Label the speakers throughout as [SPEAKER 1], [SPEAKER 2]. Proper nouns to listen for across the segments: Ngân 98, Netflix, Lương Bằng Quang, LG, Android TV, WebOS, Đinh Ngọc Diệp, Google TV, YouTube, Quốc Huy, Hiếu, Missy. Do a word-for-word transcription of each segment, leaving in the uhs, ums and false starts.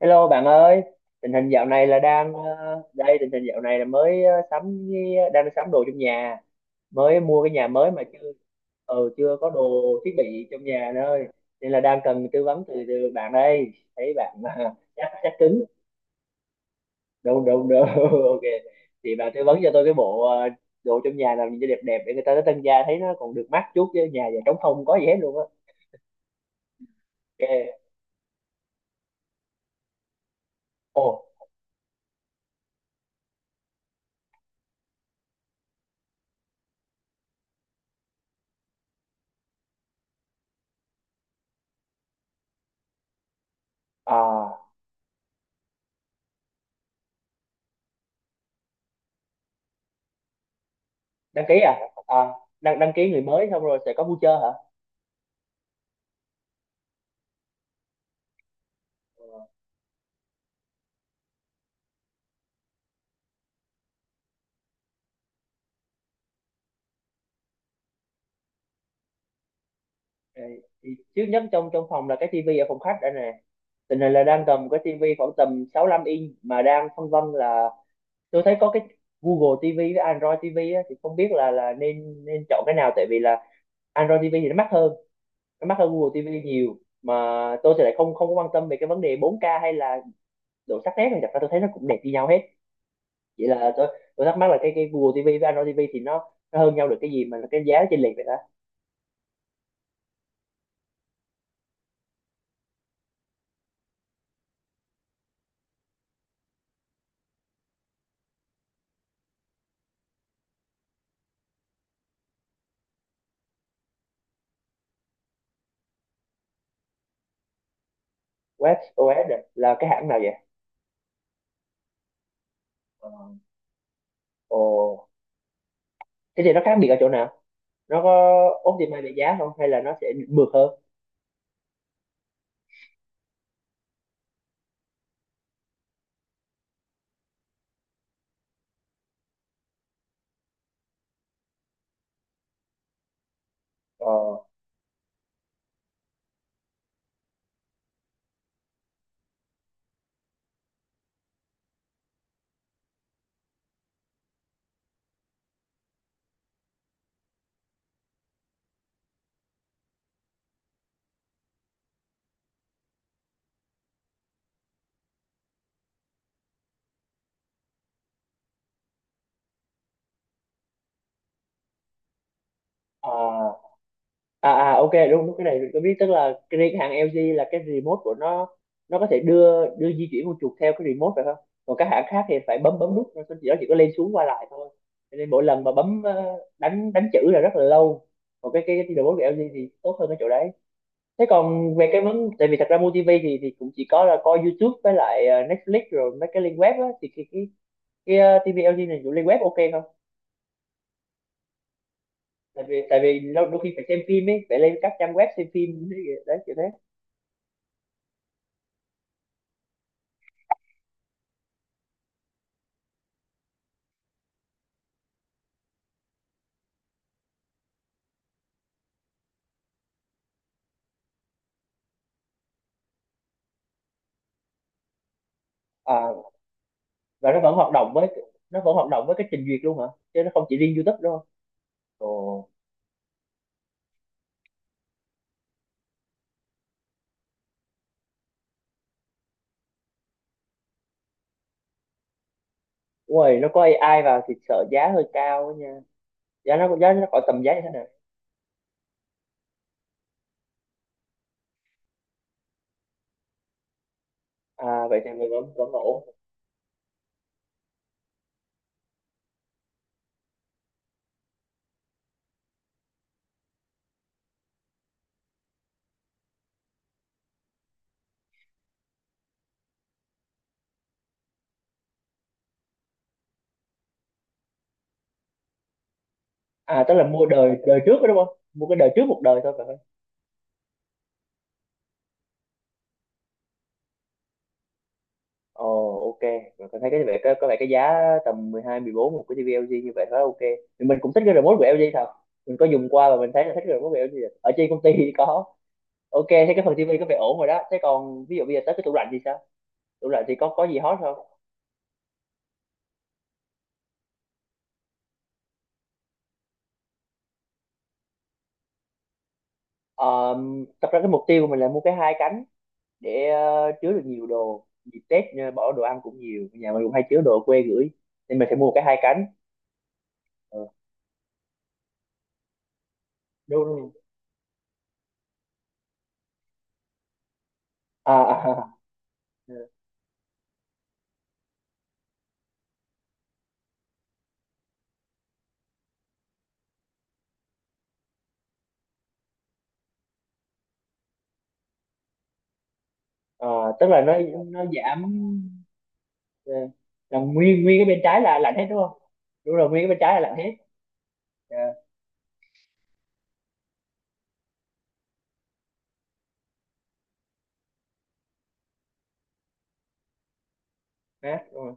[SPEAKER 1] Hello bạn ơi, tình hình dạo này là đang ờ, đây, tình hình dạo này là mới ờ, sắm cái- đang sắm đồ trong nhà, mới mua cái nhà mới mà chưa. Ừ, chưa có đồ thiết bị trong nhà nữa ơi. Nên là đang cần tư vấn từ, từ bạn đây. Thấy bạn chắc chắc cứng. Đúng đúng đúng. Ok. Thì bạn tư vấn cho tôi cái bộ ờ, đồ trong nhà làm gì cho đẹp đẹp để người ta tới tân gia thấy nó còn được mắt chút, chứ nhà giờ trống không có gì hết luôn á. Ok. Ồ, à, đăng ký à? À, đăng đăng ký người mới xong rồi sẽ có voucher hả? Ờ. Ờ, trước nhất trong trong phòng là cái tivi ở phòng khách đây nè, tình hình là đang cầm cái tivi khoảng tầm 65 inch mà đang phân vân là tôi thấy có cái Google ti vi với Android ti vi á, thì không biết là là nên nên chọn cái nào, tại vì là Android ti vi thì nó mắc hơn nó mắc hơn Google ti vi nhiều mà tôi thì lại không không có quan tâm về cái vấn đề bốn ca hay là độ sắc nét này. Thật ra tôi thấy nó cũng đẹp như nhau hết, vậy là tôi tôi thắc mắc là cái cái Google ti vi với Android ti vi thì nó nó hơn nhau được cái gì mà cái giá nó chênh lệch vậy đó. WebOS là cái hãng nào vậy? Ờ. Ồ, thế thì nó khác biệt ở chỗ nào? Nó có optimize về giá không hay là nó sẽ mượt hơn? Ờ, à, à, à, ok, đúng đúng, cái này mình có biết, tức là cái riêng hãng lờ giê là cái remote của nó nó có thể đưa đưa di chuyển con chuột theo cái remote phải không, còn các hãng khác thì phải bấm bấm nút, nó chỉ nó chỉ có lên xuống qua lại thôi, cho nên mỗi lần mà bấm ờ, đánh đánh chữ là rất là lâu, còn cái cái, cái remote của lờ giê thì tốt hơn cái chỗ đấy. Thế còn về cái vấn tại vì thật ra mua ti vi thì thì cũng chỉ có là coi YouTube với lại ờ, Netflix rồi mấy cái link web á, thì cái, cái cái ờ, ti vi lờ giê này dùng lên web ok không, tại vì tại vì lâu- đôi khi phải xem phim ấy, phải lên các trang web xem phim, đấy kiểu thế. À, và nó vẫn hoạt động với nó vẫn hoạt động với cái trình duyệt luôn hả, chứ nó không chỉ riêng YouTube đâu. Ồ. Ui, nó có ây ai vào thì sợ giá hơi cao á nha, giá nó giá nó khỏi tầm, giá như thế nào? À vậy thì mình vẫn vẫn ổn. À, tức là mua đời đời trước đó đúng không, mua cái đời trước một đời thôi phải. Ồ, ok, mình có thấy cái vẻ có, có vẻ cái giá tầm mười hai mười bốn một cái tivi e lờ giê như vậy khá ok. Thì mình cũng thích cái remote của lờ giê thật. Mình có dùng qua và mình thấy là thích cái remote của lờ giê thật. Ở trên công ty thì có. Ok, thế cái phần tivi có vẻ ổn rồi đó. Thế còn ví dụ bây giờ tới cái tủ lạnh thì sao? Tủ lạnh thì có có gì hot không? Ờ, thật ra cái mục tiêu của mình là mua cái hai cánh để ờ, chứa được nhiều đồ. Dịp Tết ờ, bỏ đồ ăn cũng nhiều, nhà mình cũng hay chứa đồ ở quê gửi. Nên mình sẽ mua cái hai cánh. Ờ, đúng đúng. À, à, à, ờ, tức là nó nó giảm. Ờ, là nguyên nguyên cái bên trái là lạnh hết đúng không? Đúng rồi, nguyên cái bên trái là lạnh hết. Ờ, mát đúng rồi.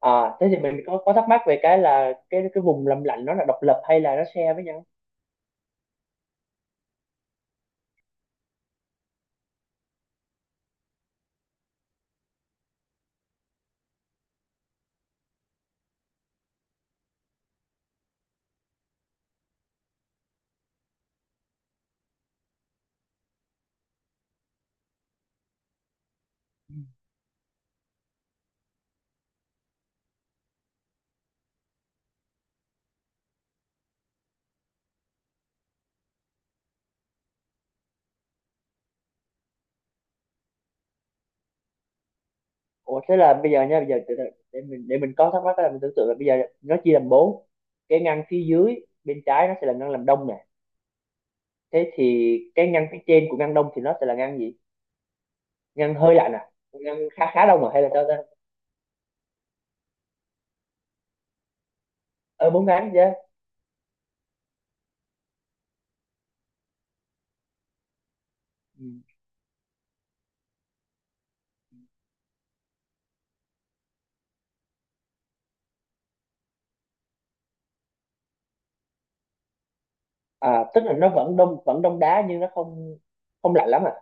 [SPEAKER 1] À thế thì mình có có thắc mắc về cái là cái cái vùng làm lạnh, nó là độc lập hay là nó share với nhau? Ừ. Ủa thế là bây giờ nha, bây giờ từ từ, để mình để mình có thắc mắc là mình tưởng tượng là bây giờ nó chia làm bốn, cái ngăn phía dưới bên trái nó sẽ là ngăn làm đông nè, thế thì cái ngăn phía trên của ngăn đông thì nó sẽ là ngăn gì? Ngăn hơi lạnh à, ngăn khá khá đông à hay là sao ta? ờ Bốn ngăn chứ. Ừ. À tức là nó vẫn đông vẫn đông đá nhưng nó không không lạnh lắm à.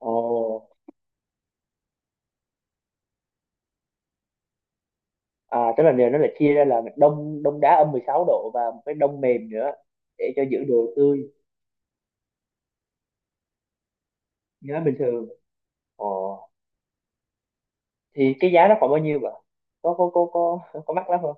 [SPEAKER 1] Ồ, à, tức là nếu nó lại chia ra là đông đông đá âm mười sáu độ và một cái đông mềm nữa để cho giữ đồ tươi, nhớ bình thường. Ồ, thì cái giá nó khoảng bao nhiêu vậy? Có có có có có mắc lắm không?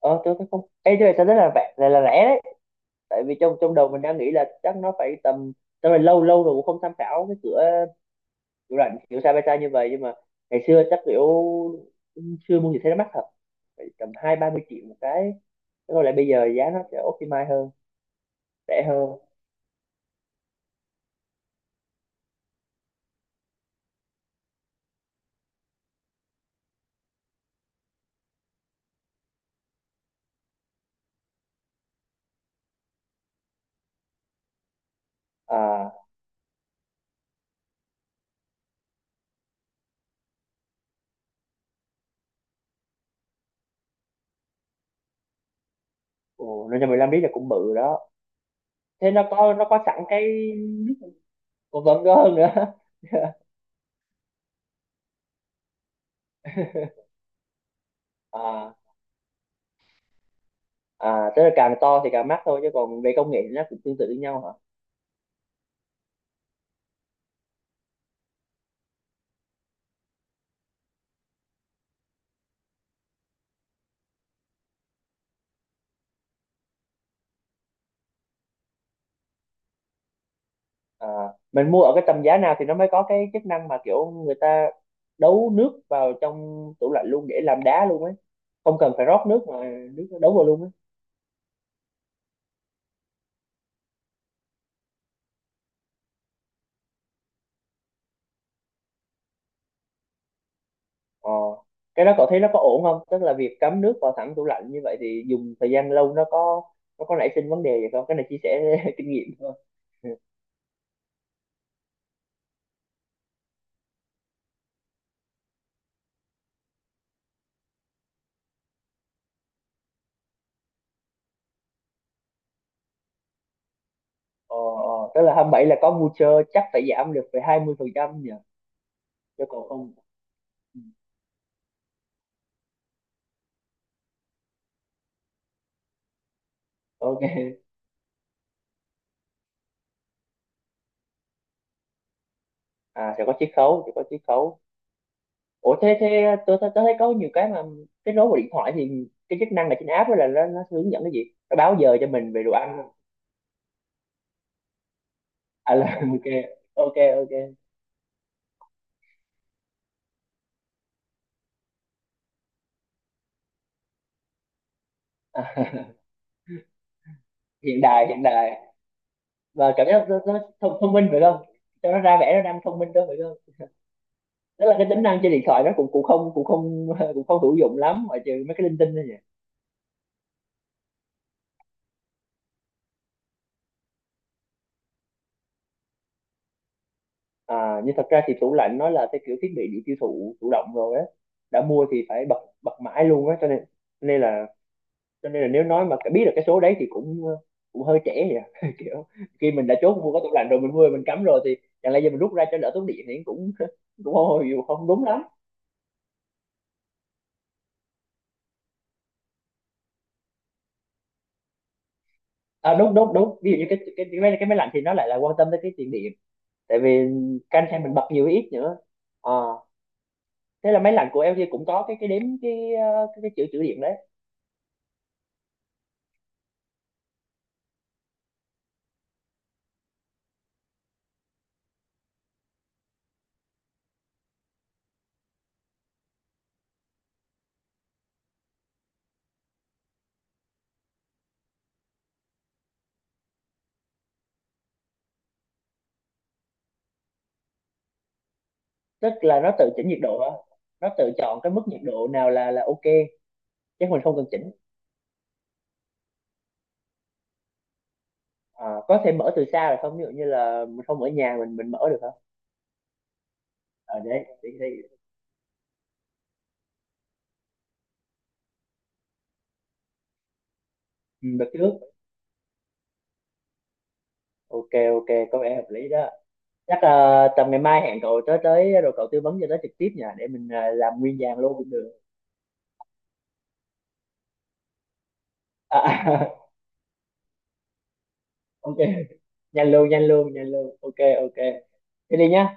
[SPEAKER 1] Ờ, tôi thấy không. Ê, tôi thấy rất là rẻ, là, là rẻ đấy. Tại vì trong trong đầu mình đang nghĩ là chắc nó phải tầm, tao là lâu lâu rồi cũng không tham khảo cái cửa cửa rảnh kiểu Sabata như vậy, nhưng mà ngày xưa chắc kiểu xưa mua gì thấy nó mắc thật. Phải tầm hai ba mươi triệu một cái. Thế còn lại bây giờ giá nó sẽ optimize hơn, rẻ hơn. À, ồ, nên cho mười lăm lít là cũng bự đó. Thế nó có nó có sẵn cái nước, còn vẫn có hơn nữa à à, tức là càng to thì càng mắc thôi chứ còn về công nghệ thì nó cũng tương tự với nhau hả? À mình mua ở cái tầm giá nào thì nó mới có cái chức năng mà kiểu người ta đấu nước vào trong tủ lạnh luôn để làm đá luôn ấy, không cần phải rót nước mà nước nó đấu vào luôn ấy. ờ cái đó cậu thấy nó có ổn không, tức là việc cắm nước vào thẳng tủ lạnh như vậy thì dùng thời gian lâu nó có nó có nảy sinh vấn đề gì không? Cái này chia sẻ kinh nghiệm thôi. Ờ, ờ, tức là hai mươi bảy là có voucher chắc phải giảm được về trăm nhỉ, chứ còn không. Ừ, ok. À, sẽ có chiết khấu, sẽ có chiết khấu. Ủa thế thế tôi, tôi, tôi thấy có nhiều cái mà kết nối vào điện thoại thì cái chức năng là trên app đó là nó, nó hướng dẫn cái gì, nó báo giờ cho mình về đồ ăn không? À là ok, ok, ok. À, hiện đại hiện đại, và cảm giác nó, nó thông, thông minh phải không, cho nó ra vẻ nó đang thông minh đó phải không? Tức là cái tính năng trên điện thoại nó cũng cũng không cũng không cũng không hữu dụng lắm, ngoại trừ mấy cái linh tinh thôi nhỉ. À, nhưng thật ra thì tủ lạnh nó là cái kiểu thiết bị điện tiêu thụ chủ động rồi á, đã mua thì phải bật bật mãi luôn á, cho nên nên là cho nên là nếu nói mà biết được cái số đấy thì cũng cũng hơi trễ vậy à. Kiểu khi mình đã chốt mua cái tủ lạnh rồi, mình mua mình cắm rồi thì chẳng lẽ giờ mình rút ra cho đỡ tốn điện thì cũng cũng không không không đúng lắm. À, đúng đúng đúng, ví dụ như cái cái cái máy, cái máy lạnh thì nó lại là quan tâm tới cái tiền điện, tại vì canh xem mình bật nhiều hay ít nữa. Ờ, thế là máy lạnh của lờ giê cũng có cái cái đếm cái ờ, cái, cái chữ chữ điện đấy. Tức là nó tự chỉnh nhiệt độ đó. Nó tự chọn cái mức nhiệt độ nào là là ok, chứ mình không cần chỉnh. À, có thể mở từ xa được không, ví dụ như là mình không ở nhà mình mình mở được không, ở đấy để, để, ừ, đặt trước. Ok ok, có vẻ hợp lý đó. Chắc là tầm ngày mai hẹn cậu tới tới rồi cậu tư vấn cho tới trực tiếp nha, để mình à, làm nguyên vàng luôn cũng được. À, ok, nhanh luôn nhanh luôn nhanh luôn, ok ok, thế đi nhá.